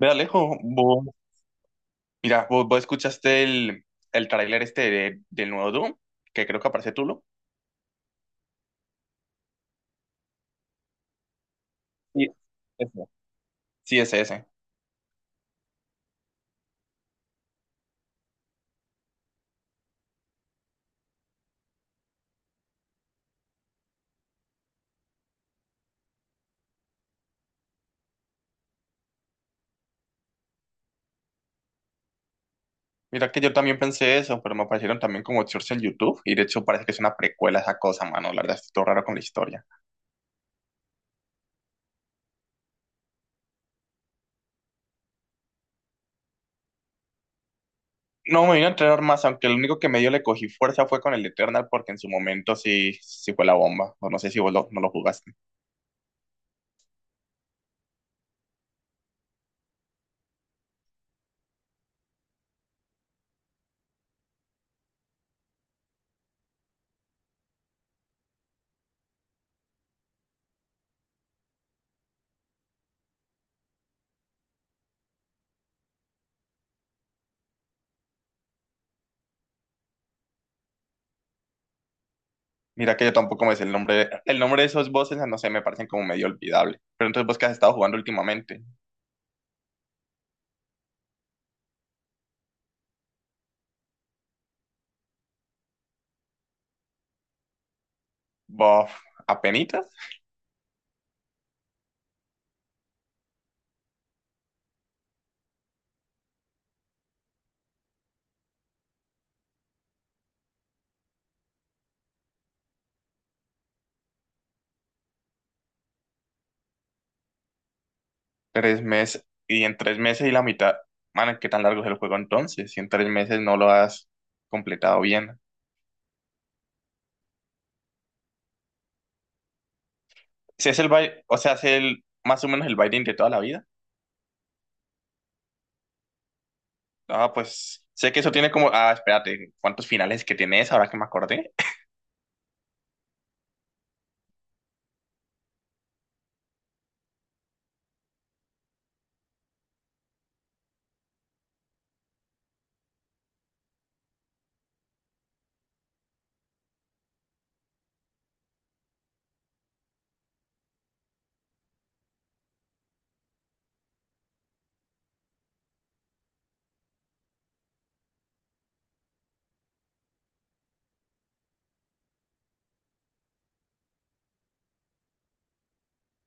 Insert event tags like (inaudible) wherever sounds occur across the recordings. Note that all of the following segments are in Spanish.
Ve Alejo, vos, mira, vos escuchaste el tráiler este del nuevo Doom, que creo que aparece Tulo. Sí, ese. Sí, ese. Mira que yo también pensé eso, pero me aparecieron también como shorts en YouTube, y de hecho parece que es una precuela esa cosa, mano, la verdad, estoy todo raro con la historia. No me vino a entrenar más, aunque lo único que medio le cogí fuerza fue con el Eternal, porque en su momento sí, sí fue la bomba, o no sé si no lo jugaste. Mira que yo tampoco me sé el nombre, el nombre de esos bosses, no sé, me parecen como medio olvidable. Pero entonces, ¿vos qué has estado jugando últimamente? Bof, apenitas. Tres meses, y en tres meses y la mitad, man, ¿qué tan largo es el juego entonces? Si en tres meses no lo has completado bien. Si es el baile, o sea, si es el, más o menos el binding de toda la vida. Ah, pues, sé que eso tiene como, ah, espérate, ¿cuántos finales que tienes ahora que me acordé?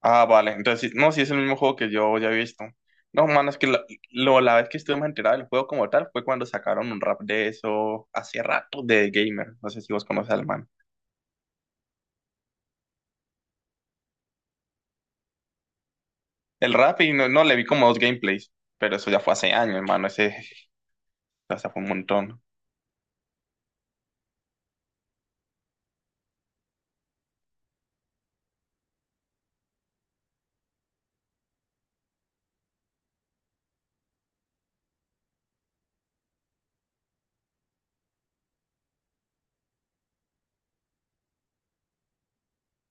Ah, vale, entonces, sí, no, si es el mismo juego que yo ya he visto. No, man, es que la, lo- la vez que estuve más enterado del juego como tal fue cuando sacaron un rap de eso hace rato de Gamer. No sé si vos conoces al man. El rap y no, no, le vi como dos gameplays, pero eso ya fue hace años, hermano, ese, o sea, fue un montón.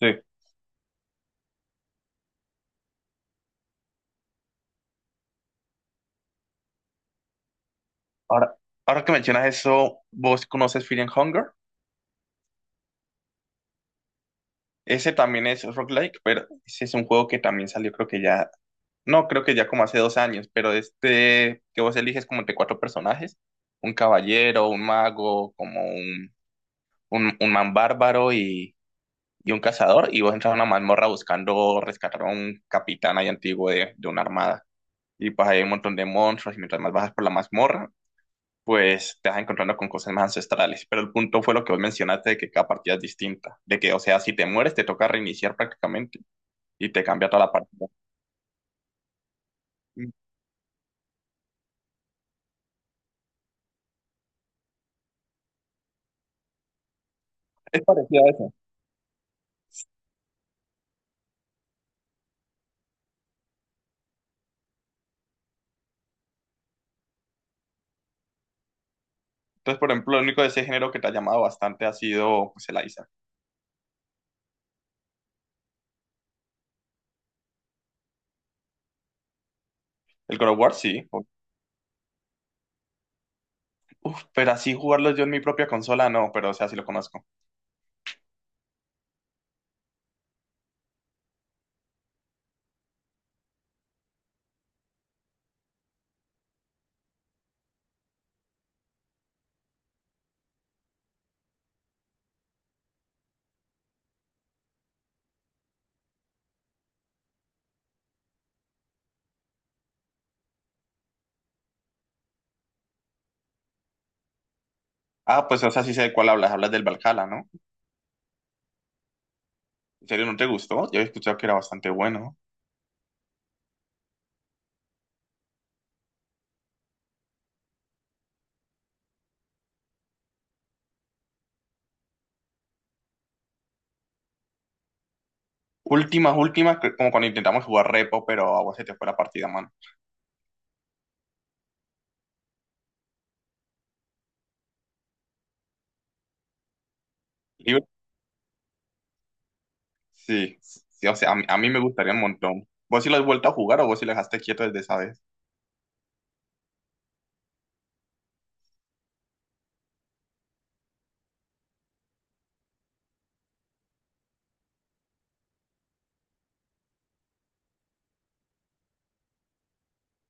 Sí. Ahora, ahora que mencionas eso, ¿vos conoces Fear and Hunger? Ese también es rock like, pero ese es un juego que también salió, creo que ya, no, creo que ya como hace dos años, pero este que vos eliges como entre cuatro personajes, un caballero, un mago, como un man bárbaro y un cazador, y vos entras a una mazmorra buscando rescatar a un capitán ahí antiguo de una armada. Y pues hay un montón de monstruos y mientras más bajas por la mazmorra, pues te vas encontrando con cosas más ancestrales. Pero el punto fue lo que vos mencionaste de que cada partida es distinta, de que, o sea, si te mueres te toca reiniciar prácticamente y te cambia toda la partida. Mm. Es parecido a eso. Entonces, por ejemplo, lo único de ese género que te ha llamado bastante ha sido pues, el Isaac. El God of War, sí. O- uf, pero así jugarlo yo en mi propia consola, no, pero o sea, sí lo conozco. Ah, pues o sea, sí sé de cuál hablas, hablas del Valhalla, ¿no? ¿En serio no te gustó? Yo he escuchado que era bastante bueno. Últimas, últimas, que como cuando intentamos jugar repo, pero a vos se te fue la partida, mano. Libre. Sí, sí, o sea, a mí me gustaría un montón. ¿Vos sí lo has vuelto a jugar o vos sí lo dejaste quieto desde esa vez?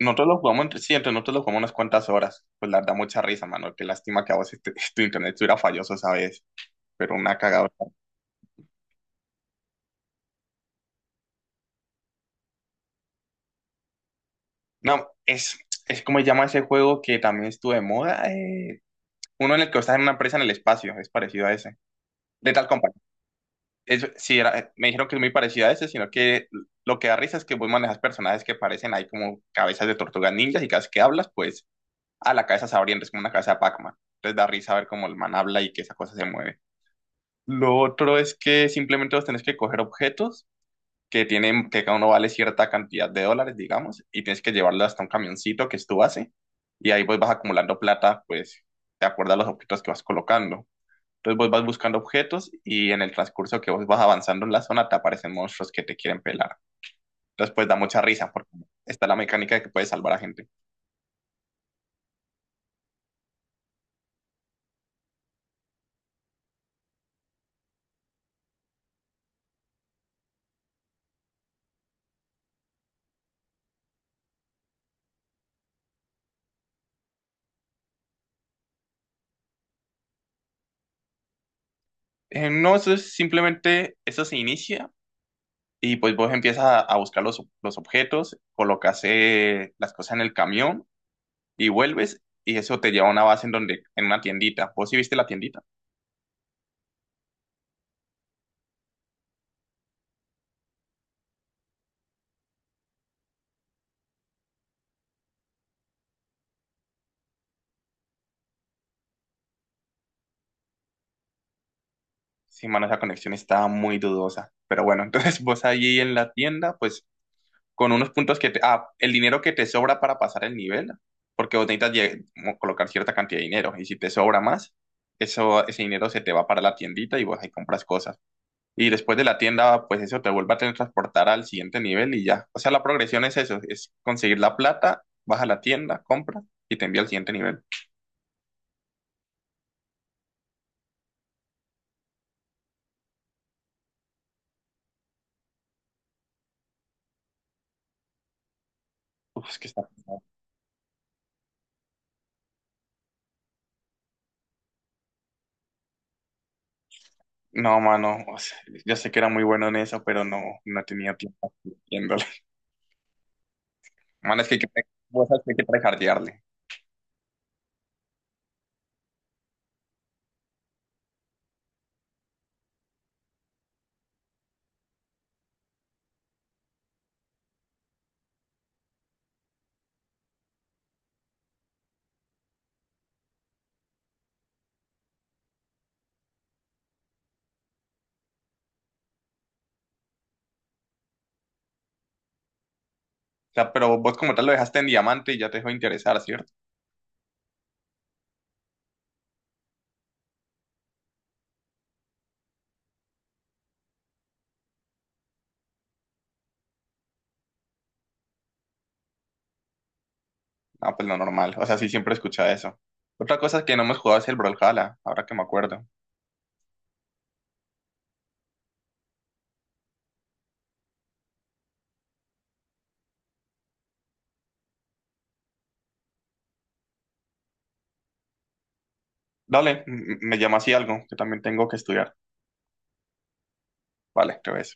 Nosotros lo jugamos entre, sí, entre nosotros lo jugamos unas cuantas horas. Pues la da mucha risa, mano. Qué lástima que a vos este- (laughs) tu internet estuviera falloso esa vez, pero una cagadora. No, es como se llama ese juego que también estuvo de moda. Uno en el que estás en una empresa en el espacio, es parecido a ese. De tal es, sí, era, me dijeron que es muy parecido a ese, sino que lo que da risa es que vos manejas personajes que parecen ahí como cabezas de tortugas ninjas y cada vez que hablas, pues a la cabeza se abriendo, es como una cabeza de Pac-Man. Entonces da risa ver cómo el man habla y que esa cosa se mueve. Lo otro es que simplemente vos tenés que coger objetos que tienen, que cada uno vale cierta cantidad de dólares, digamos, y tienes que llevarlo hasta un camioncito que es tu base, y ahí pues vas acumulando plata, pues, de acuerdo a los objetos que vas colocando. Entonces vos vas buscando objetos y en el transcurso que vos vas avanzando en la zona te aparecen monstruos que te quieren pelar. Entonces pues da mucha risa porque está la mecánica de que puedes salvar a gente. No, eso es simplemente, eso se inicia y pues vos empiezas a buscar los objetos, colocas las cosas en el camión y vuelves y eso te lleva a una base en donde, en una tiendita. ¿Vos sí viste la tiendita? Sí, mano, esa conexión está muy dudosa. Pero bueno, (laughs) entonces vos allí en la tienda, pues con unos puntos que te, ah, el dinero que te sobra para pasar el nivel, porque vos necesitas colocar cierta cantidad de dinero y si te sobra más, eso, ese dinero se te va para la tiendita y vos ahí compras cosas. Y después de la tienda, pues eso te vuelve a transportar al siguiente nivel y ya. O sea, la progresión es eso, es conseguir la plata, vas a la tienda, compras y te envía al siguiente nivel. Uf, es que está pesado. No, mano, o sea, yo sé que era muy bueno en eso, pero no, no tenía tiempo haciéndolo. (laughs) Mano, es que hay que, vos sabés que hay que tryhardearle. O sea, pero vos como tal lo dejaste en diamante y ya te dejó de interesar, ¿cierto? Ah, pues lo normal. O sea, sí, siempre escuchaba eso. Otra cosa que no hemos jugado es el Brawlhalla, ahora que me acuerdo. Dale, me llama así algo, que también tengo que estudiar. Vale, te ves.